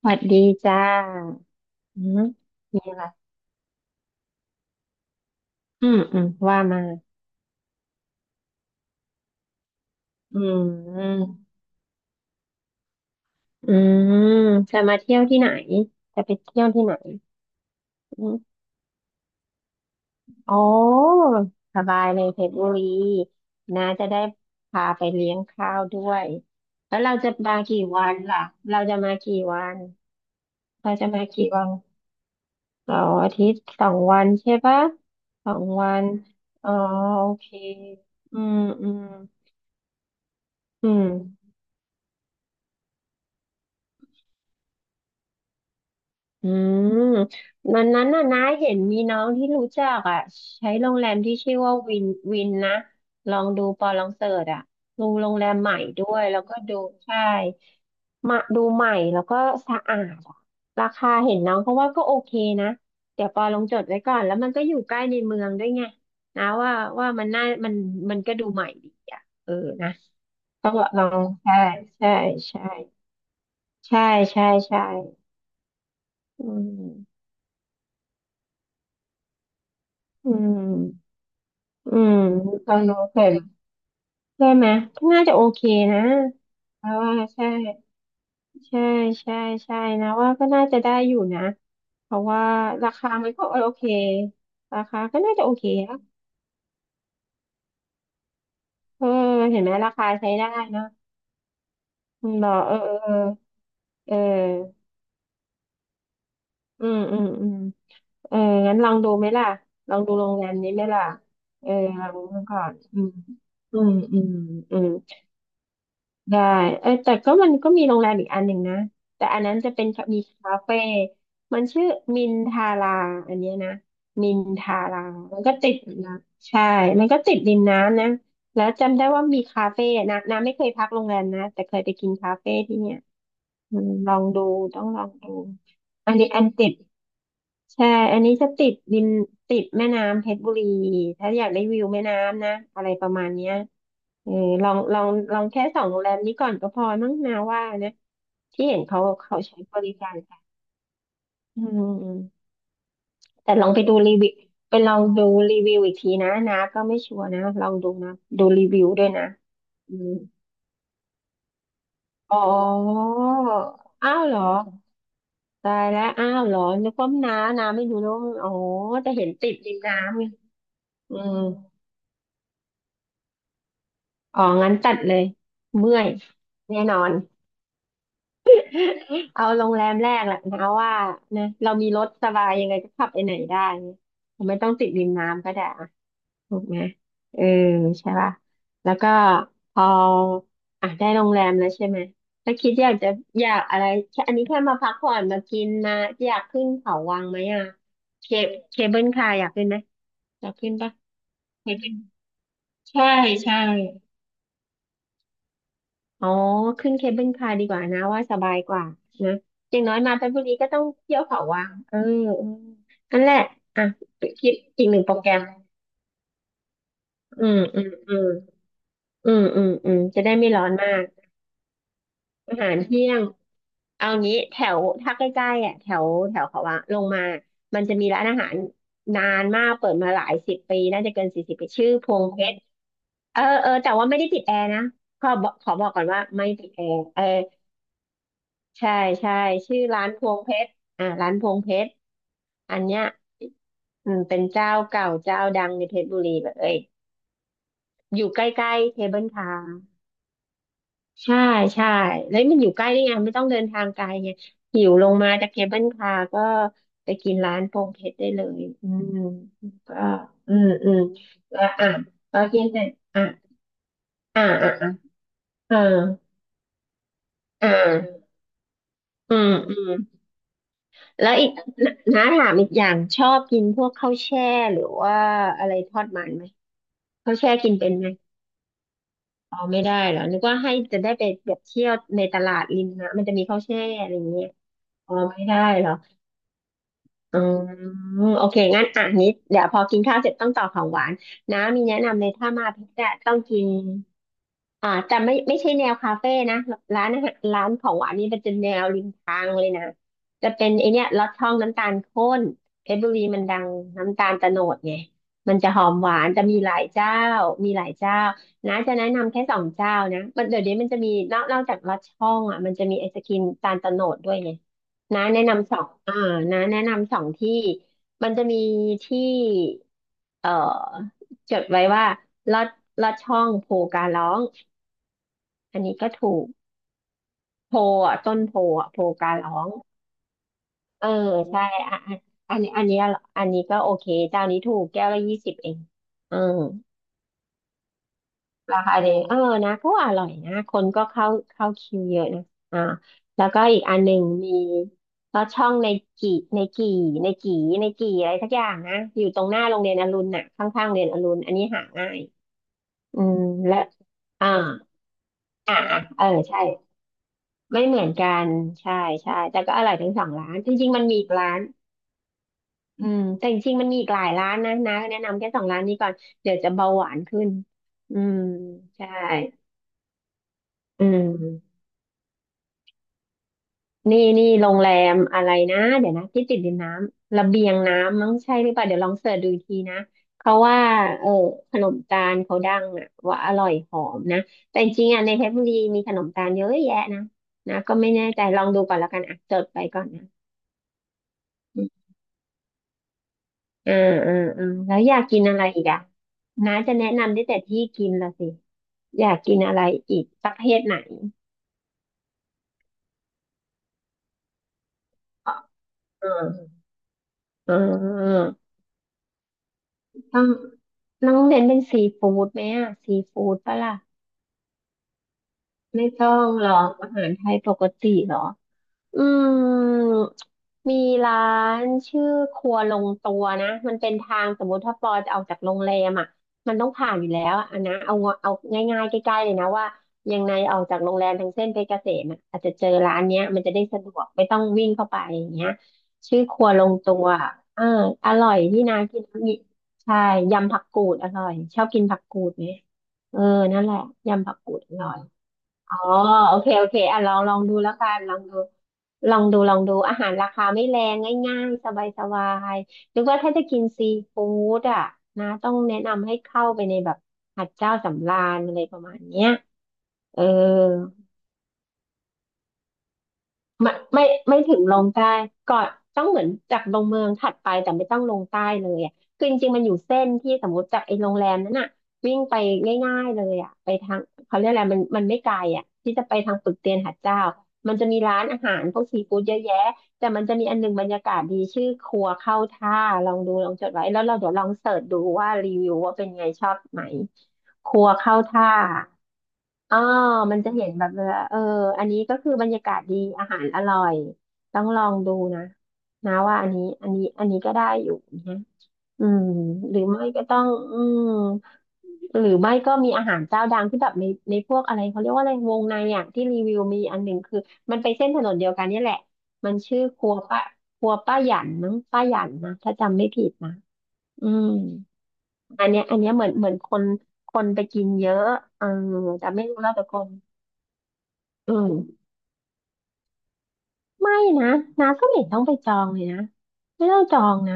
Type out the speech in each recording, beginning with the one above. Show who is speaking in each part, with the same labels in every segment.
Speaker 1: สวัสดีจ้าอืมมีอะไรอืมอืมว่ามาอืมอืมจะมาเที่ยวที่ไหน จะไปเที่ยวที่ไหนอืมอ๋อสบายเลยเพชรบุรีนะจะได้พาไปเลี้ยงข้าวด้วย แล้วเราจะมากี่วันล่ะเราจะมากี่วันเราจะมากี่วันเสาร์อาทิตย์สองวันใช่ปะสองวันอ๋อโอเคอืมอืมอืม อืมวันนั้นน่ะน้าเห็นมีน้องที่รู้จักอ่ะใช้โรงแรมที่ชื่อว่าวินวินนะลองดูปอลองเสิร์ชอ่ะดูโรงแรมใหม่ด้วยแล้วก็ดูใช่มาดูใหม่แล้วก็สะอาดอะราคาเห็นน้องเขาว่าก็โอเคนะเดี๋ยวปอลองจดไว้ก่อนแล้วมันก็อยู่ใกล้ในเมืองด้วยไงนะว่าว่ามันน่ามันมันก็ดูใหม่ดีอ่ะเออนะต้องลองใช่ใช่ใช่ใช่ใช่ใช่อืมอืม อืมฟังดูเสร็มใช่ไหมน่าจะโอเคนะเพราะว่าใช่ใช่ใช่ใช่นะว่าก็น่าจะได้อยู่นะเพราะว่าราคามันก็โอเคราคาก็น่าจะโอเคนะเออเห็นไหมราคาใช้ได้นะคุณบอกเออเออเออเอออืมอืมอืมเอองั้นลองดูไหมล่ะลองดูโรงแรมนี้ไหมล่ะเออลองดูก่อนอืมอืมอืมอืม ได้เอ้แต่ก็มันก็มีโรงแรมอีกอันหนึ่งนะแต่อันนั้นจะเป็นมีคาเฟ่มันชื่อมินทาราอันเนี้ยนะมินทารามันก็ติดนะใช่มันก็ติดริมน้ำนะแล้วจำได้ว่ามีคาเฟ่นะน้ำไม่เคยพักโรงแรมนะแต่เคยไปกินคาเฟ่ที่เนี่ยอืมลองดูต้องลองดูอันนี้อันติด ใช่อันนี้จะติดดินติดแม่น้ำเพชรบุรีถ้าอยากได้วิวแม่น้ำนะอะไรประมาณเนี้ยเออลองลองลองแค่สองโรงแรมนี้ก่อนก็พอมั้งนาว่านะที่เห็นเขาใช้บริการกันอืมอืมแต่ลองไปดูรีวิวไปลองดูรีวิวอีกทีนะนะก็ไม่ชัวร์นะลองดูนะดูรีวิวด้วยนะอืมอ๋ออ้าวเหรอตายแล้วอ้าวเหรอนึกว่าน้าน้าไม่รู้นะว่ามันอ๋อแต่เห็นติดริมน้ำไงอืม อ๋องั้นจัดเลยเมื่อยแน่นอน เอาโรงแรมแรกแหละนะว่านะเรามีรถสบายยังไงก็ขับไปไหนได้เนี่ยไม่ต้องติดริมน้ำก็ได้อะถูกไหมเออใช่ป่ะแล้วก็พออ่ะได้โรงแรมแล้วใช่ไหมถ้าคิดอยากจะอยากอะไรแค่อันนี้แค่มาพักผ่อนมากินมาอยากขึ้นเขาวังไหมอ่ะเคเคเบิลคาร์อยากขึ้นไหมอยากขึ้นปะเคเบิลใช่ใช่ อ๋อขึ้นเคเบิลคาร์ดีกว่านะว่าสบายกว่านะอย่างน้อยมาเพชรบุรีก็ต้องเที่ยวเขาวังเออเออนั่นแหละอ่ะคิดอีกหนึ่งโปรแกรมอืมอืมอืมอืมอืมอืมจะได้ไม่ร้อนมากอาหารเที่ยงเอางี้แถวถ้าใกล้ๆอ่ะแถวแถวเขาวังลงมามันจะมีร้านอาหารนานมากเปิดมาหลายสิบปีน่าจะเกิน40 ปีชื่อพวงเพชรเออเออแต่ว่าไม่ได้ติดแอร์นะขอบอกขอบอกก่อนว่าไม่ติดแอร์เออ ใช่ใช่ชื่อร้านพวงเพชรอ่าร้านพวงเพชรอันเนี้ยอืมเป็นเจ้าเก่าเจ้าดังในเพชรบุรีแบบเอ้ยอยู่ใกล้ๆเทเบิลทามใช่ใช่แล้วมันอยู่ใกล้ได้ไงไม่ต้องเดินทางไกลไงหิวลงมาจากเทเบิลทามก็ไปกินร้านพวงเพชรได้เลยอืมก็อืมอืมแล้วอ่ะพอกินเสร็จอ่ะอ่ะอ่ะอ่ะเอออ่ะอืมอืม แล้วอีก น้าถามอีกอย่างชอบกินพวกข้าวแช่หรือว่าอะไรทอดมันไหมข้าวแช่กินเป็นไหมอ๋อไม่ได้เหรอนึกว่าให้จะได้ไปแบบเที่ยวในตลาดริมนะมันจะมีข้าวแช่อะไรอย่างเงี้ยอ๋อไม่ได้เหรออืมโอเคงั้นอ่ะนิดเดี๋ยวพอกินข้าวเสร็จต้องต่อของหวานน้ามีแนะนำเลยถ้ามาเพชรอะต้องกิน อ่าแต่ไม่ใช่แนวคาเฟ่นะร้านอาหารร้านของหวานนี่เป็นจะแนวริมทางเลยนะจะเป็นไอเนี้ยลอดช่องน้ำตาลข้นเพชรบุรีมันดังน้ำตาลโตโนดไงมันจะหอมหวานจะมีหลายเจ้ามีหลายเจ้านะจะแนะนำแค่สองเจ้านะมันเดี๋ยวนี้มันจะมีนอกจากลอดช่องอ่ะมันจะมีไอศกรีมตาลโตโนดด้วยไงนะแนะนำสองอ่านะแนะนำสองที่มันจะมีที่เอ่อจดไว้ว่าลอดลอดช่องโพการ้อง อันนี้ก็ถูกโพอ่ะต้นโพอ่ะโพการ้องเออใช่อ่ะอันนี้อันนี้ก็โอเคเจ้านี้ถูกแก้วละยี่สิบเองเออราคาเดีนะก็อร่อยนะคนก็เข้าคิวเยอะนะอ่าแล้วก็อีกอันหนึ่งมีก็ช่องกี่ในกี่ในกี่ในกี่อะไรสักอย่างนะอยู่ตรงหน้าโรงเรียนอรุณน่ะข้างๆโรงเรียนอรุณอันนี้หาง่ายอืมและอ่าอ่าเออใช่ ไม่เหมือนกันใช่ใช่แต่ก็อร่อยทั้งสองร้านจริงๆมันมีอีกร้านอืมแต่จริงๆมันมีอีกหลายร้านนะนะแนะนำแค่สองร้านนี้ก่อนเดี๋ยวจะเบาหวานขึ้นอืมใช่อืมนี่นี่โรงแรมอะไรนะเดี๋ยวนะที่ติดดินน้ำระเบียงน้ำมั้งใช่หรือเปล่าเดี๋ยวลองเสิร์ชดูอีกทีนะเขาว่าเออขนมตาลเขาดังอ่ะว่าอร่อยหอมนะแต่จริงๆอ่ะในเพชรบุรีมีขนมตาลเยอะแยะนะนะก็ไม่แน่ใจลองดูก่อนแล้วกันอ่ะจดไปก่อนนะ เออเออแล้วอยากกินอะไรอีกอ่ะน้าจะแนะนำได้แต่ที่กินละสิอยากกินอะไรอีกประเภทไหนเออเออต้องต้องเน้นเป็นซีฟู้ดไหมอ่ะซีฟู้ดปะล่ะไม่ต้องหรอกอาหารไทยปกติหรอ อืมมีร้านชื่อครัวลงตัวนะมันเป็นทางสมมติถ้าปอจะออกจากโรงแรมอ่ะมันต้องผ่านอยู่แล้วอะอันนะเอาเอาง่ายๆใกล้ๆเลยนะว่ายังไงออกจากโรงแรมทางเส้นเพชรเกษมอะอาจจะเจอร้านเนี้ยมันจะได้สะดวกไม่ต้องวิ่งเข้าไปอย่างเงี้ยชื่อครัวลงตัวอ่าอร่อยที่นากินมีใช่ยำผักกูดอร่อยชอบกินผักกูดไหมเออนั่นแหละยำผักกูดอร่อย อ๋อโอเคอ่ะลองดูแล้วกันลองดูอาหารราคาไม่แรงง่ายๆสบายสบายหรือว่าถ้าจะกินซีฟู้ดอ่ะนะต้องแนะนำให้เข้าไปในแบบหัดเจ้าสำราญอะไรประมาณเนี้ยเออ ไม่ไม่ถึงลงใต้ก่อนต้องเหมือนจากลงเมืองถัดไปแต่ไม่ต้องลงใต้เลยอ่ะคือจริงๆมันอยู่เส้นที่สมมติจากไอ้โรงแรมนั้นอ่ะวิ่งไปง่ายๆเลยอ่ะไปทางเขาเรียกอะไรมันไม่ไกลอ่ะที่จะไปทางปึกเตียนหาดเจ้ามันจะมีร้านอาหารพวกซีฟู้ดเยอะแยะแต่มันจะมีอันหนึงบรรยากาศดีชื่อครัวเข้าท่าลองดูลองจดไว้แล้วเราเดี๋ยวลองเสิร์ชดูว่ารีวิวว่าเป็นไงชอบไหมครัวเข้าท่า อ๋อมันจะเห็นแบบเวลาอันนี้ก็คือบรรยากาศดี อาหารอร่อย ต้องลองดูนะนะว่าอันนี้อันนี้ก็ได้อยู่นะอืมหรือไม่ก็ต้องอืมหรือไม่ก็มีอาหารเจ้าดังที่แบบในพวกอะไรเขาเรียกว่าอะไรวงในอ่ะที่รีวิวมีอันหนึ่งคือมันไปเส้นถนนเดียวกันเนี่ยแหละ มันชื่อครัวป้าหยันมั้งป้าหยันนะถ้าจำไม่ผิดนะอืมอันเนี้ยเหมือนคนไปกินเยอะเออแต่ไม่รู้แล้วแต่คน อืมไม่นะน้าก็ไม่เห็นต้องไปจองเลยนะไม่ต้องจองนะ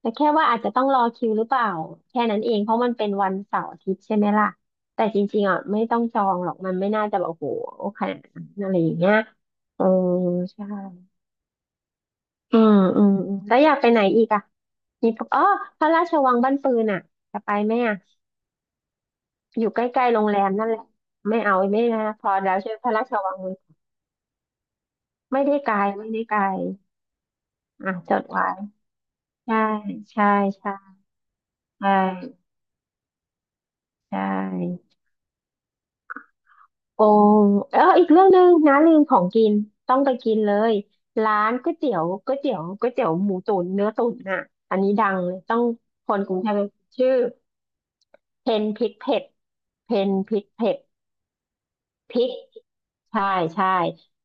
Speaker 1: แต่แค่ว่าอาจจะต้องรอคิวหรือเปล่าแค่นั้นเองเพราะมันเป็นวันเสาร์อาทิตย์ใช่ไหมล่ะแต่จริงๆอ่ะไม่ต้องจองหรอกมันไม่น่าจะแบบโอ้โหขนาดนั้นอะไรอย่างเงี้ยเออใช่อืมแล้วอยากไปไหนอีกอ่ะมีปะอ๋อพระราชวังบ้านปืนอ่ะจะไปไหมอ่ะอยู่ใกล้ๆโรงแรมนั่นแหละไม่เอาไม่นะพอแล้วใช่ไหมพระราชวังไม่ได้ไกลอ่ะจดไว้ ใช่ใช่ใช่ใช่ใช่โอ้เอออีกเรื่องหนึ่งนะลืมของกินต้องไปกินเลยร้านก๋วยเตี๋ยวก๋วยเตี๋ยวก๋วยเตี๋ยวหมูตุ๋นเนื้อตุ๋นน่ะอันนี้ดังเลยต้องคนกรุงเทพชื่อเพนพริกเผ็ดเพนพริกเผ็ด พริกใช่ใช่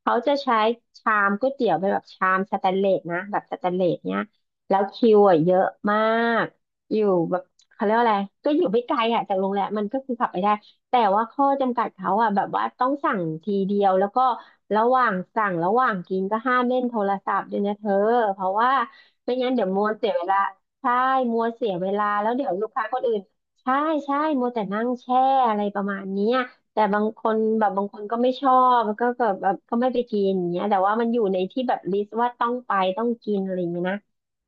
Speaker 1: เขาจะใช้ชามก๋วยเตี๋ยวเป็นแบบชามสแตนเลสนะแบบสแตนเลสเนี้ยแล้วคิวอ่ะเยอะมาก อยู่แบบเขาเรียกว่าอะไรก็อยู่ไม่ไกลอ่ะจากโรงแรมมันก็คือขับไปได้แต่ว่าข้อจำกัดเขาอ่ะแบบว่าต้องสั่งทีเดียวแล้วก็ระหว่างสั่งระหว่างกินก็ห้ามเล่นโทรศัพท์ด้วยนะเธอเพราะว่าไม่งั้นเดี๋ยวมัวเสียเวลาใช่มัวเสียเวลาแล้วเดี๋ยวลูกค้าคนอื่นใช่ใช่มัวแต่นั่งแช่อะไรประมาณเนี้ย แต่บางคนแบบบางคนก็ไม่ชอบแล้วก็แบบก็ไม่ไปกินอย่างเงี้ยแต่ว่ามันอยู่ในที่แบบลิสต์ว่าต้องไปต้องกินอะไรอย่างเงี้ยนะ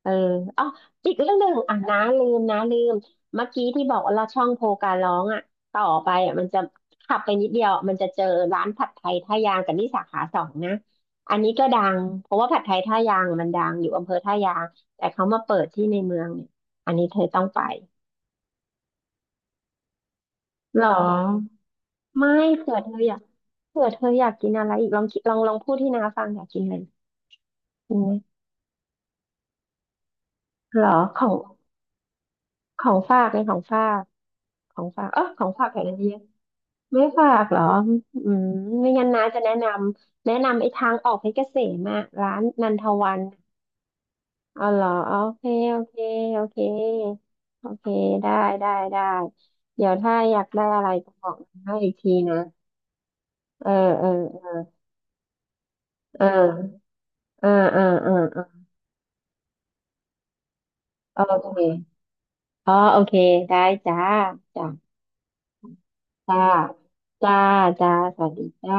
Speaker 1: เอออ๋ออีกเรื่องหนึ่งอ่ะนะลืมเมื่อกี้ที่บอกว่าเราช่องโพการร้องอ่ะต่อไปอ่ะมันจะขับไปนิดเดียวมันจะเจอร้านผัดไทยท่ายางกับนี่สาขาสองนะอันนี้ก็ดังเพราะว่าผัดไทยท่ายางมันดังอยู่อำเภอท่ายางแต่เขามาเปิดที่ในเมืองเนี่ยอันนี้เธอต้องไปหรอไม่เผื่อเธออยาก เผื่อเธออยากกินอะไรอีกลองคิดลองพูดที่น้าฟังอยากกินอะไรหมเหรอของของฝากในของฝากของฝากเออของฝากแถวนั้นเยอะไม่ฝากเหรออืมไม่งั้นน้าจะแนะนำไอ้ทางออกเพชรเกษมอะร้านนันทวันเอาเหรอโอเคโอเคโอเคได้ได้เดี๋ยวถ้าอยากได้อะไรก็บอกน้าอีกทีนะเออเออเออเออเออเออเออเออโอเคอ๋อโอเคได้จ้าจ้า จ้าจ้าจ้าสวัสดีจ้า